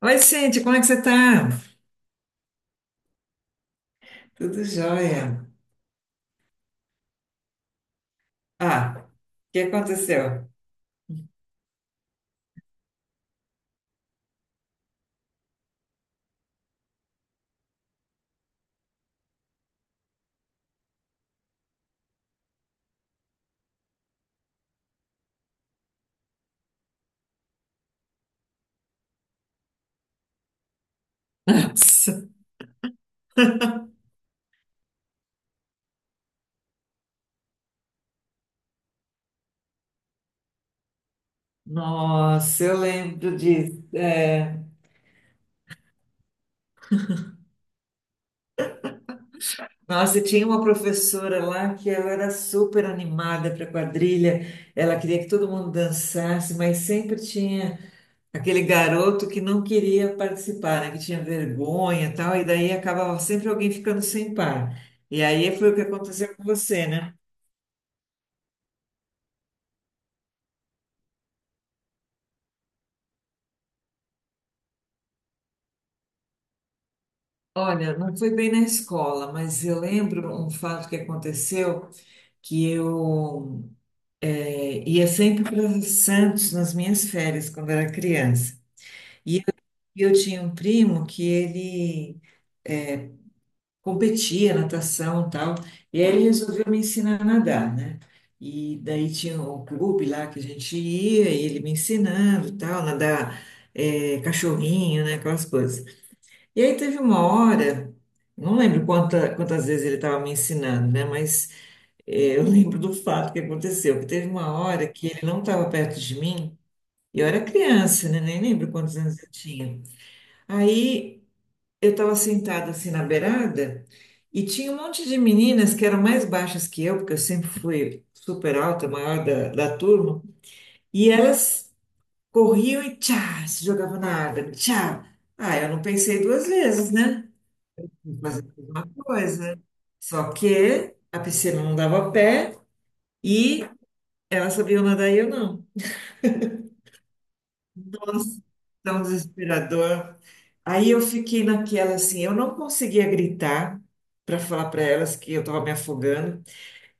Oi, gente. Como é que você tá? Tudo jóia. Ah, o que aconteceu? Nossa, nossa, eu lembro disso. É. Nossa, e tinha uma professora lá que ela era super animada para quadrilha, ela queria que todo mundo dançasse, mas sempre tinha aquele garoto que não queria participar, né, que tinha vergonha e tal, e daí acabava sempre alguém ficando sem par. E aí foi o que aconteceu com você, né? Olha, não foi bem na escola, mas eu lembro um fato que aconteceu, que eu ia sempre para Santos nas minhas férias quando era criança. E eu tinha um primo que ele competia natação e tal, e aí ele resolveu me ensinar a nadar, né? E daí tinha um clube lá que a gente ia, e ele me ensinando e tal, nadar cachorrinho, né? Aquelas coisas. E aí teve uma hora, não lembro quantas vezes ele estava me ensinando, né? Mas eu lembro do fato que aconteceu, que teve uma hora que ele não estava perto de mim, e eu era criança, né? Nem lembro quantos anos eu tinha. Aí eu estava sentada assim na beirada, e tinha um monte de meninas que eram mais baixas que eu, porque eu sempre fui super alta, maior da turma, e elas corriam e tchá, se jogavam na água, tchá. Ah, eu não pensei duas vezes, né? Vou fazer a mesma coisa. Só que a piscina não dava pé e ela sabia nadar e eu não. Nossa, tão desesperador. Aí eu fiquei naquela assim, eu não conseguia gritar para falar para elas que eu estava me afogando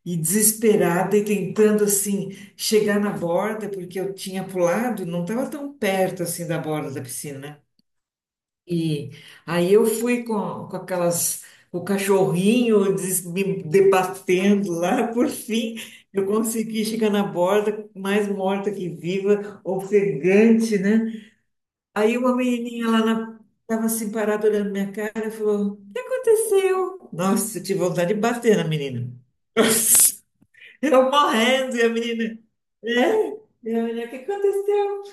e desesperada e tentando assim chegar na borda porque eu tinha pulado, não estava tão perto assim da borda da piscina, né? E aí eu fui com aquelas, o cachorrinho me debatendo lá, por fim eu consegui chegar na borda, mais morta que viva, ofegante, né? Aí uma menininha lá tava assim parada olhando minha cara e falou: O que aconteceu? Nossa, eu tive vontade de bater na menina. Eu morrendo, e a menina, né? E a menina, o que aconteceu?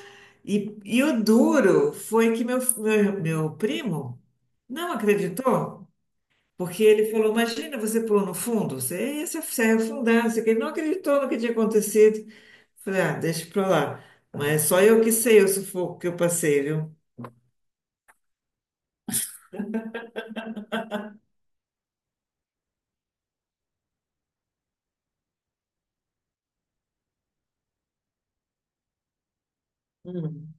E o duro foi que meu primo não acreditou, porque ele falou: Imagina, você pulou no fundo, você ia se afundar. Não sei o quê. Ele não acreditou no que tinha acontecido. Falei: Ah, deixa pra lá. Mas é só eu que sei o sufoco que eu passei, viu? Hum,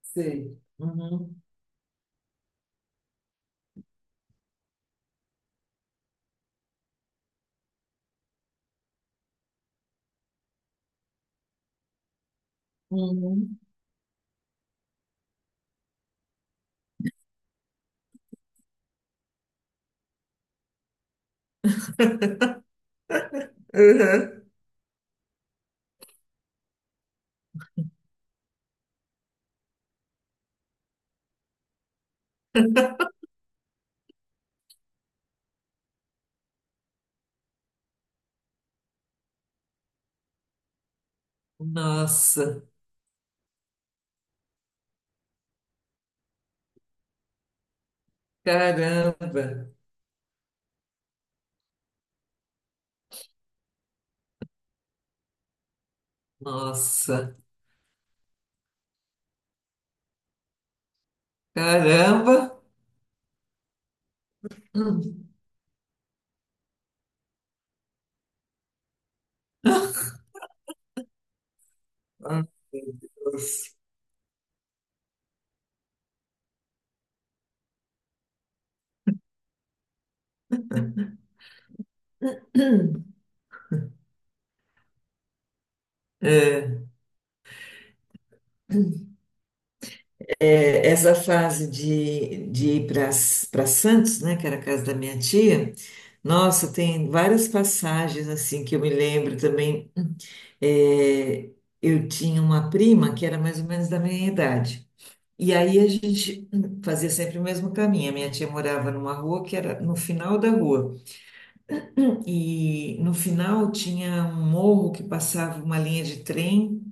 sei. Uhum. Uhum. Uhum. Nossa, caramba, nossa, caramba. Hum, Ai, meu Deus. É, essa fase de ir para Santos, né, que era a casa da minha tia, nossa, tem várias passagens assim que eu me lembro também. É, eu tinha uma prima que era mais ou menos da minha idade. E aí a gente fazia sempre o mesmo caminho. A minha tia morava numa rua que era no final da rua. E no final tinha um morro que passava uma linha de trem.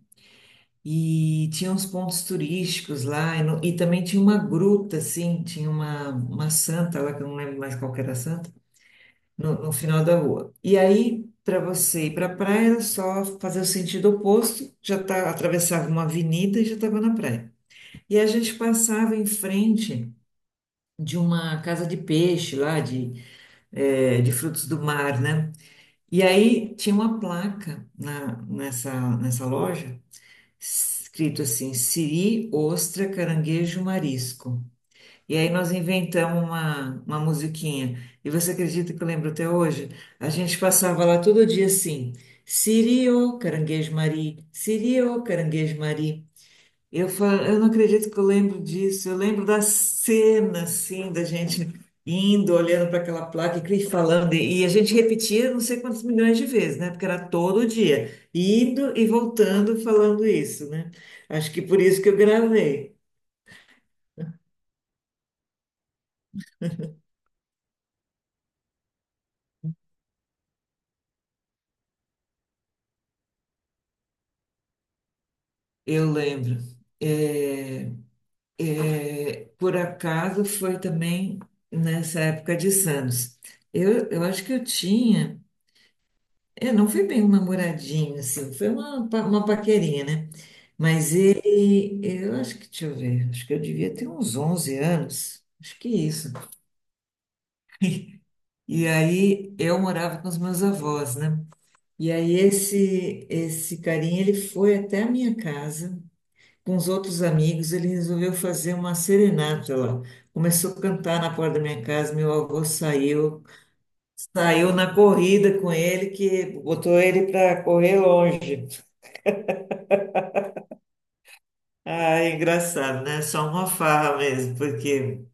E tinha uns pontos turísticos lá, e, no- e também tinha uma gruta, assim, tinha uma santa lá, que eu não lembro mais qual que era a santa, no final da rua. E aí, para você ir para a praia, era só fazer o sentido oposto, já tá, atravessava uma avenida e já estava na praia. E a gente passava em frente de uma casa de peixe lá, de frutos do mar, né? E aí tinha uma placa nessa loja, escrito assim, siri, ostra, caranguejo, marisco. E aí nós inventamos uma musiquinha. E você acredita que eu lembro até hoje? A gente passava lá todo dia assim, siri, ô, caranguejo, mari, siri, ô, caranguejo, mari. Eu não acredito que eu lembro disso. Eu lembro da cena, assim, da gente indo, olhando para aquela placa e falando. E a gente repetia não sei quantos milhões de vezes, né? Porque era todo dia, indo e voltando falando isso, né? Acho que por isso que eu gravei. Eu lembro. É, por acaso foi também nessa época de Santos. Eu acho que eu tinha. É, não foi bem um namoradinho, assim, foi uma paquerinha, né? Mas ele, eu acho que, deixa eu ver, acho que eu devia ter uns 11 anos, acho que isso. E aí eu morava com os meus avós, né? E aí esse carinha, ele foi até a minha casa, com os outros amigos, ele resolveu fazer uma serenata lá. Começou a cantar na porta da minha casa, meu avô saiu, saiu na corrida com ele, que botou ele para correr longe. Ah, é engraçado, né? Só uma farra mesmo, porque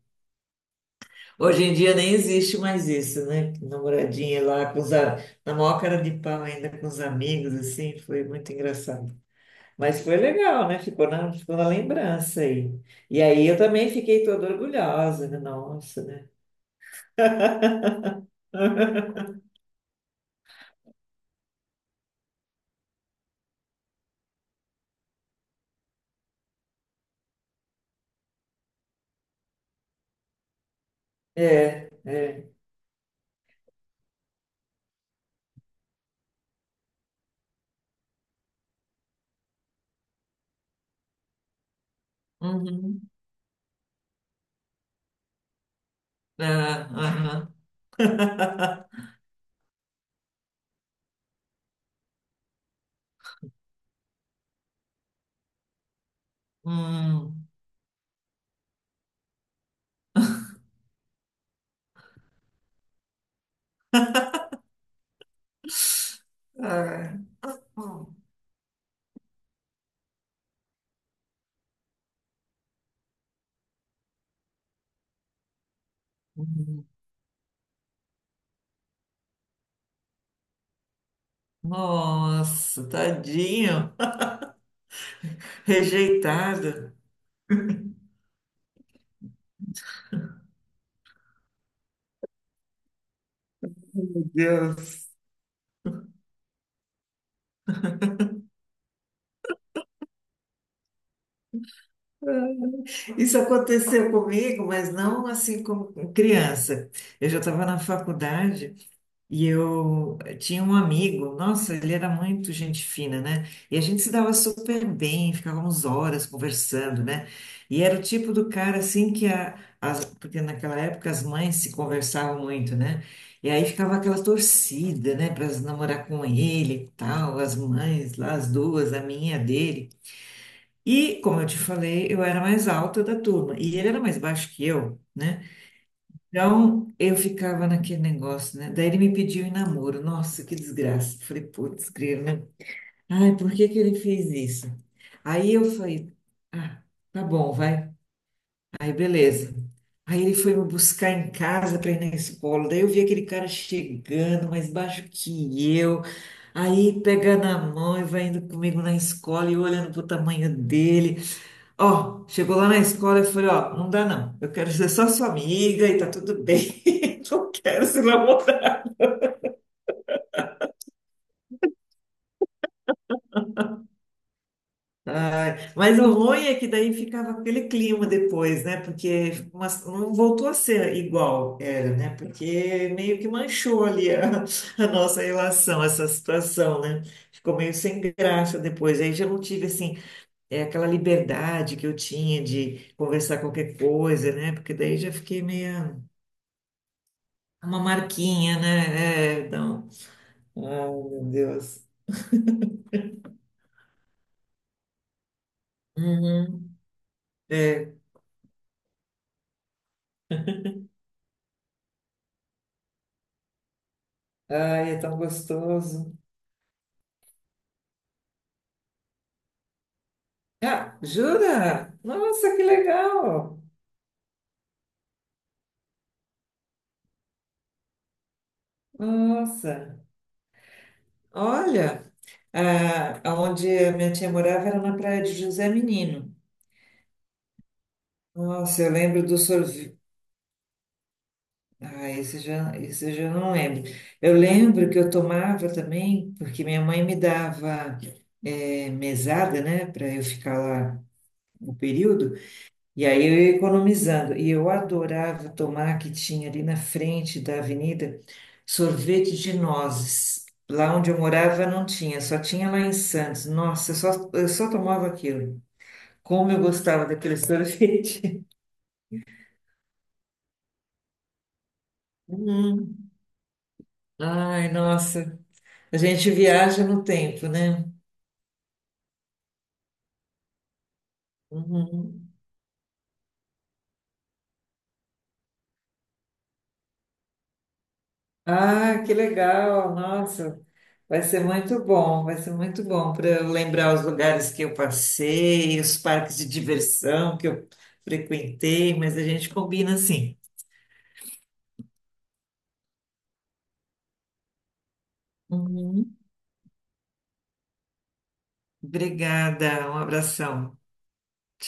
hoje em dia nem existe mais isso, né? Namoradinha lá na maior cara de pau ainda com os amigos, assim, foi muito engraçado. Mas foi legal, né? Ficou na lembrança aí. E aí eu também fiquei toda orgulhosa, né? Nossa, né? É, é. Uhum. Ah, aham. Hum. Ah. Uhum. Nossa, tadinho. Rejeitada. Deus. Isso aconteceu comigo, mas não assim como criança. Eu já estava na faculdade e eu tinha um amigo, nossa, ele era muito gente fina, né? E a gente se dava super bem, ficávamos horas conversando, né? E era o tipo do cara assim, porque naquela época as mães se conversavam muito, né? E aí ficava aquela torcida, né, para namorar com ele e tal, as mães lá, as duas, a minha, a dele. E, como eu te falei, eu era mais alta da turma e ele era mais baixo que eu, né? Então, eu ficava naquele negócio, né? Daí ele me pediu em namoro. Nossa, que desgraça. Falei, putz, grilo, né? Ai, por que que ele fez isso? Aí eu falei, ah, tá bom, vai. Aí, beleza. Aí ele foi me buscar em casa para ir na escola. Daí eu vi aquele cara chegando, mais baixo que eu. Aí pega na mão e vai indo comigo na escola e eu olhando pro tamanho dele. Ó, chegou lá na escola e falei, ó, não dá não. Eu quero ser só sua amiga e tá tudo bem. Não quero se namorar. Ai, mas o ruim é que daí ficava aquele clima depois, né? Porque não voltou a ser igual era, né? Porque meio que manchou ali a nossa relação, essa situação, né? Ficou meio sem graça depois. Aí já não tive, assim, é, aquela liberdade que eu tinha de conversar qualquer coisa, né? Porque daí já fiquei meio. Uma marquinha, né? É, então. Ai, meu Deus. Uhum. É. Ai, é tão gostoso. Ah, jura? Nossa, que legal! Nossa, olha, ah, onde a minha tia morava era na praia de José Menino. Nossa, eu lembro do sorvete. Ah, esse já, esse eu já não lembro. Eu lembro que eu tomava também, porque minha mãe me dava mesada, né, para eu ficar lá no período. E aí eu ia economizando. E eu adorava tomar, que tinha ali na frente da avenida, sorvete de nozes. Lá onde eu morava não tinha, só tinha lá em Santos. Nossa, eu só tomava aquilo. Como eu gostava daquele sorvete. Hum. Ai, nossa. A gente viaja no tempo, né? Uhum. Ah, que legal! Nossa, vai ser muito bom, vai ser muito bom para eu lembrar os lugares que eu passei, os parques de diversão que eu frequentei, mas a gente combina assim. Uhum. Obrigada, um abração. Tchau.